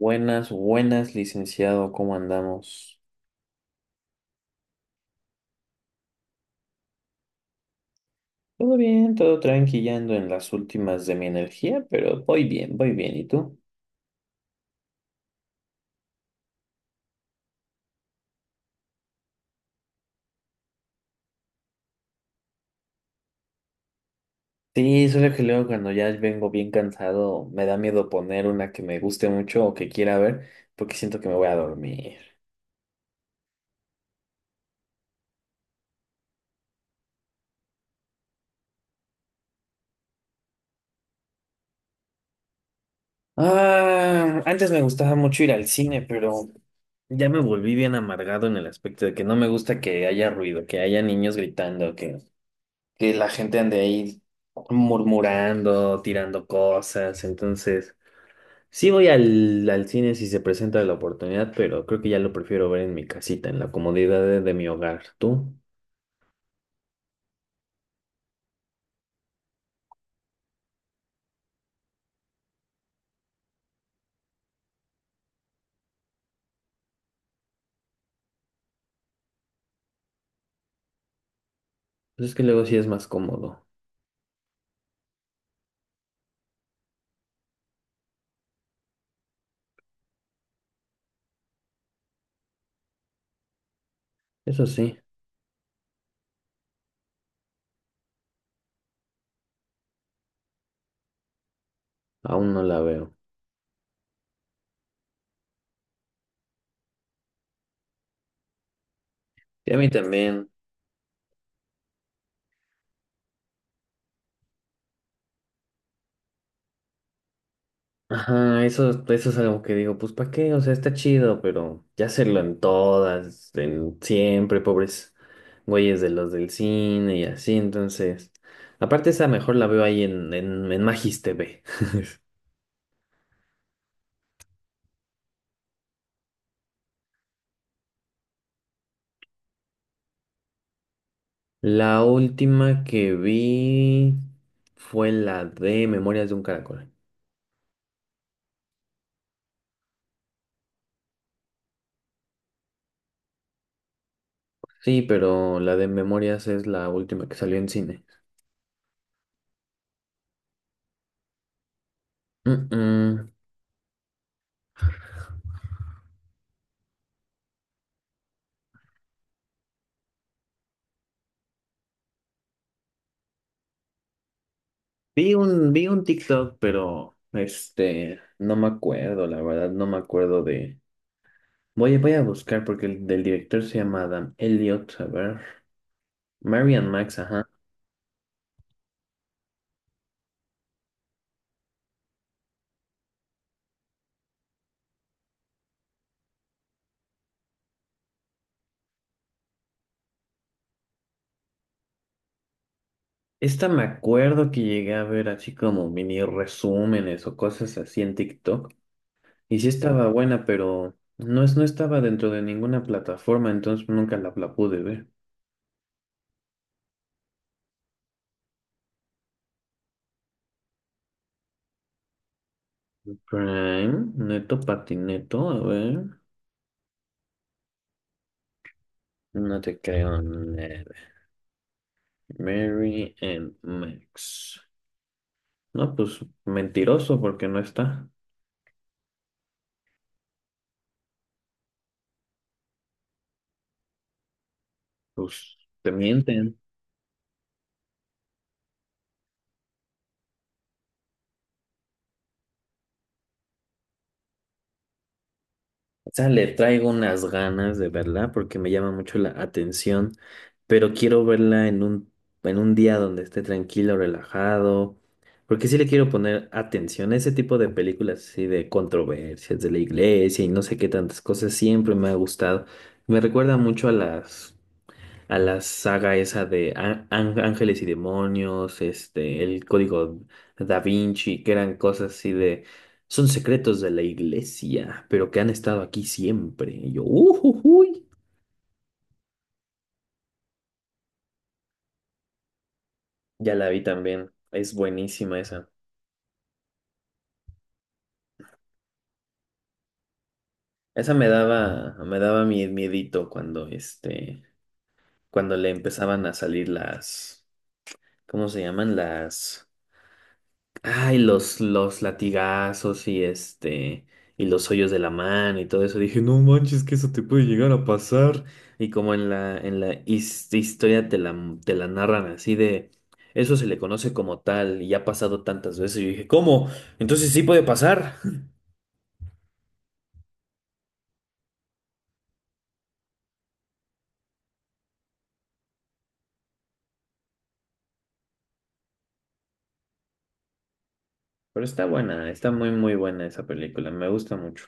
Buenas, buenas, licenciado, ¿cómo andamos? Todo bien, todo tranquilando en las últimas de mi energía, pero voy bien, voy bien. ¿Y tú? Sí, solo que luego cuando ya vengo bien cansado, me da miedo poner una que me guste mucho o que quiera ver, porque siento que me voy a dormir. Ah, antes me gustaba mucho ir al cine, pero ya me volví bien amargado en el aspecto de que no me gusta que haya ruido, que haya niños gritando, que la gente ande ahí murmurando, tirando cosas. Entonces, sí voy al cine si se presenta la oportunidad, pero creo que ya lo prefiero ver en mi casita, en la comodidad de mi hogar. ¿Tú? Pues es que luego sí es más cómodo. Eso sí, aún no la veo. Y a mí también. Ajá, eso es algo que digo, pues ¿para qué? O sea, está chido, pero ya hacerlo en todas, en siempre, pobres güeyes de los del cine y así, entonces. Aparte esa mejor la veo ahí en Magis TV. La última que vi fue la de Memorias de un Caracol. Sí, pero la de Memorias es la última que salió en cine. Mm, mm. Vi un TikTok, pero no me acuerdo, la verdad, no me acuerdo de. Voy a buscar porque el del director se llama Adam Elliot. A ver. Marian Max, ajá. Esta me acuerdo que llegué a ver así como mini resúmenes o cosas así en TikTok. Y sí estaba buena, pero no, es, no estaba dentro de ninguna plataforma, entonces nunca la pude ver. Prime, Neto Patineto, a ver. No te creo nada. Mary and Max. No, pues mentiroso porque no está. Pues te mienten. Sea, le traigo unas ganas de verla porque me llama mucho la atención, pero quiero verla en un día donde esté tranquilo, relajado, porque sí le quiero poner atención. Ese tipo de películas así de controversias de la iglesia y no sé qué tantas cosas siempre me ha gustado. Me recuerda mucho a la saga esa de Ángeles y Demonios, el código Da Vinci, que eran cosas así de, son secretos de la iglesia, pero que han estado aquí siempre. Y yo, uy, ya la vi también, es buenísima esa. Esa me daba mi miedito cuando, cuando le empezaban a salir las, ¿cómo se llaman? Las... Ay, los latigazos y los hoyos de la mano y todo eso. Dije, no manches, que eso te puede llegar a pasar. Y como en la historia te la narran así de, eso se le conoce como tal y ha pasado tantas veces. Y dije, ¿cómo? Entonces sí puede pasar. Pero está buena, está muy, muy buena esa película, me gusta mucho.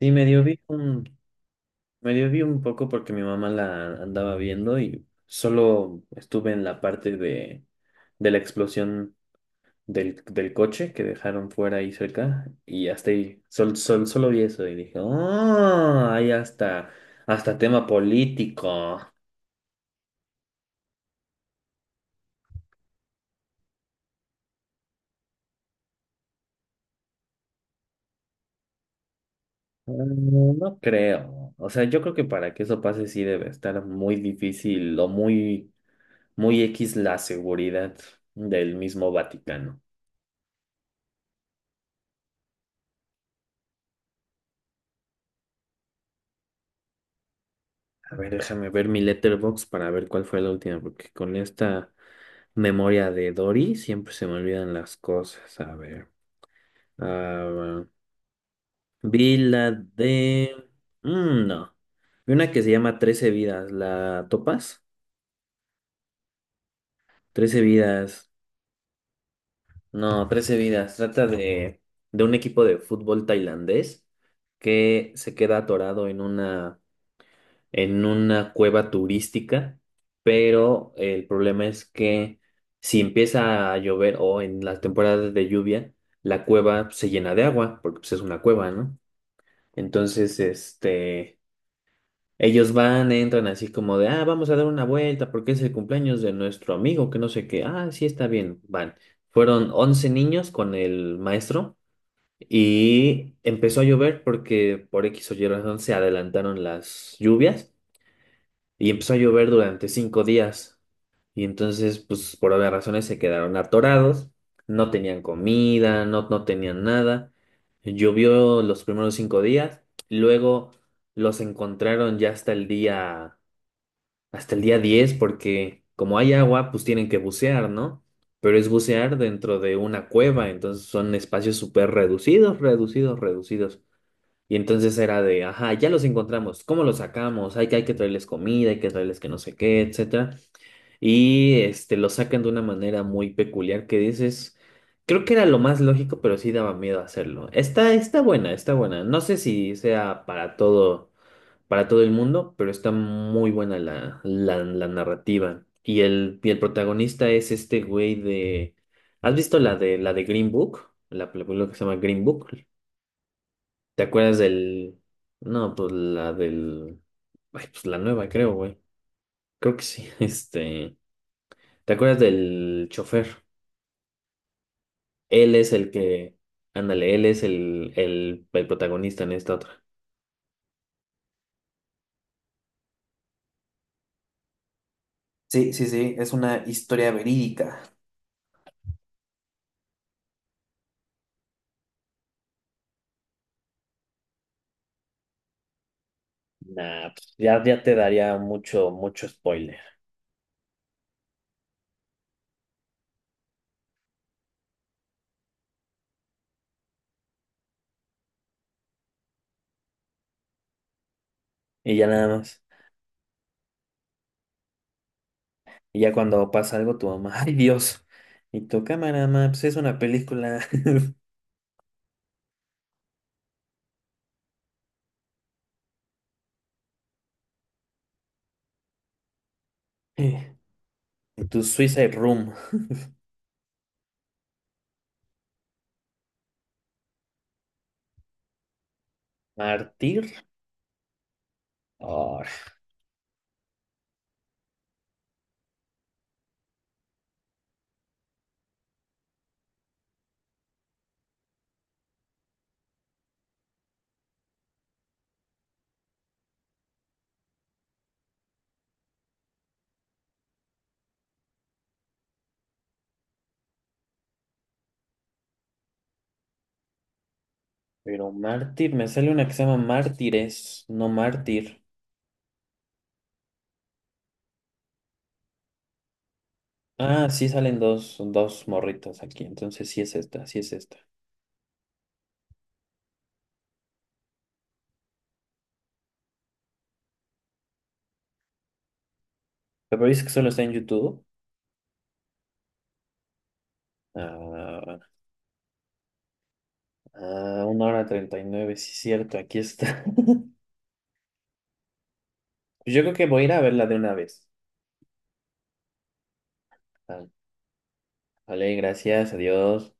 Sí, medio vi un poco porque mi mamá la andaba viendo y solo estuve en la parte de la explosión del coche que dejaron fuera ahí cerca y hasta ahí, solo vi eso y dije, oh, hay hasta tema político. Mm, no creo. O sea, yo creo que para que eso pase sí debe estar muy difícil o muy, muy X la seguridad del mismo Vaticano. A ver, déjame ver mi letterbox para ver cuál fue la última, porque con esta memoria de Dory siempre se me olvidan las cosas. A ver. ah Vi la de... Mm, no. Vi una que se llama Trece vidas. ¿La topas? Trece vidas. No, Trece vidas. Trata de un equipo de fútbol tailandés que se queda atorado en una cueva turística, pero el problema es que si empieza a llover o en las temporadas de lluvia, la cueva se llena de agua, porque pues, es una cueva, ¿no? Entonces, ellos van, entran así como de, ah, vamos a dar una vuelta porque es el cumpleaños de nuestro amigo, que no sé qué, ah, sí está bien, van. Fueron 11 niños con el maestro y empezó a llover porque por X o Y razón se adelantaron las lluvias y empezó a llover durante 5 días. Y entonces, pues por obvias razones se quedaron atorados, no tenían comida, no, no tenían nada. Llovió los primeros 5 días, luego los encontraron ya hasta el día 10 porque como hay agua, pues tienen que bucear, ¿no? Pero es bucear dentro de una cueva, entonces son espacios súper reducidos, reducidos, reducidos. Y entonces era de, ajá, ya los encontramos, ¿cómo los sacamos? Hay que traerles comida, hay que traerles que no sé qué, etcétera. Y los sacan de una manera muy peculiar que dices, creo que era lo más lógico, pero sí daba miedo hacerlo. Está buena, está buena. No sé si sea para todo el mundo, pero está muy buena la narrativa. Y el protagonista es este güey de... ¿Has visto la de Green Book? La película que se llama Green Book. ¿Te acuerdas del... No, pues la del... Ay, pues la nueva, creo, güey. Creo que sí. Este... ¿Te acuerdas del chofer? Él es el que... Ándale, él es el protagonista en esta otra. Sí, sí, sí, es una historia verídica. Nah, pues, ya, ya te daría mucho, mucho spoiler. Y ya nada más. Y ya cuando pasa algo, tu mamá, ay Dios. Y tu cámara, ma, pues es una película. Y tu Suicide Room. ¿Mártir? Ah, pero Mártir, me sale una que se llama Mártires, no Mártir. Ah, sí salen dos morritos aquí. Entonces sí es esta, sí es esta. Pero dices que solo está en YouTube. Ah, una hora treinta y nueve, sí, es cierto, aquí está. Pues yo creo que voy a ir a verla de una vez. Ah, vale, gracias, adiós.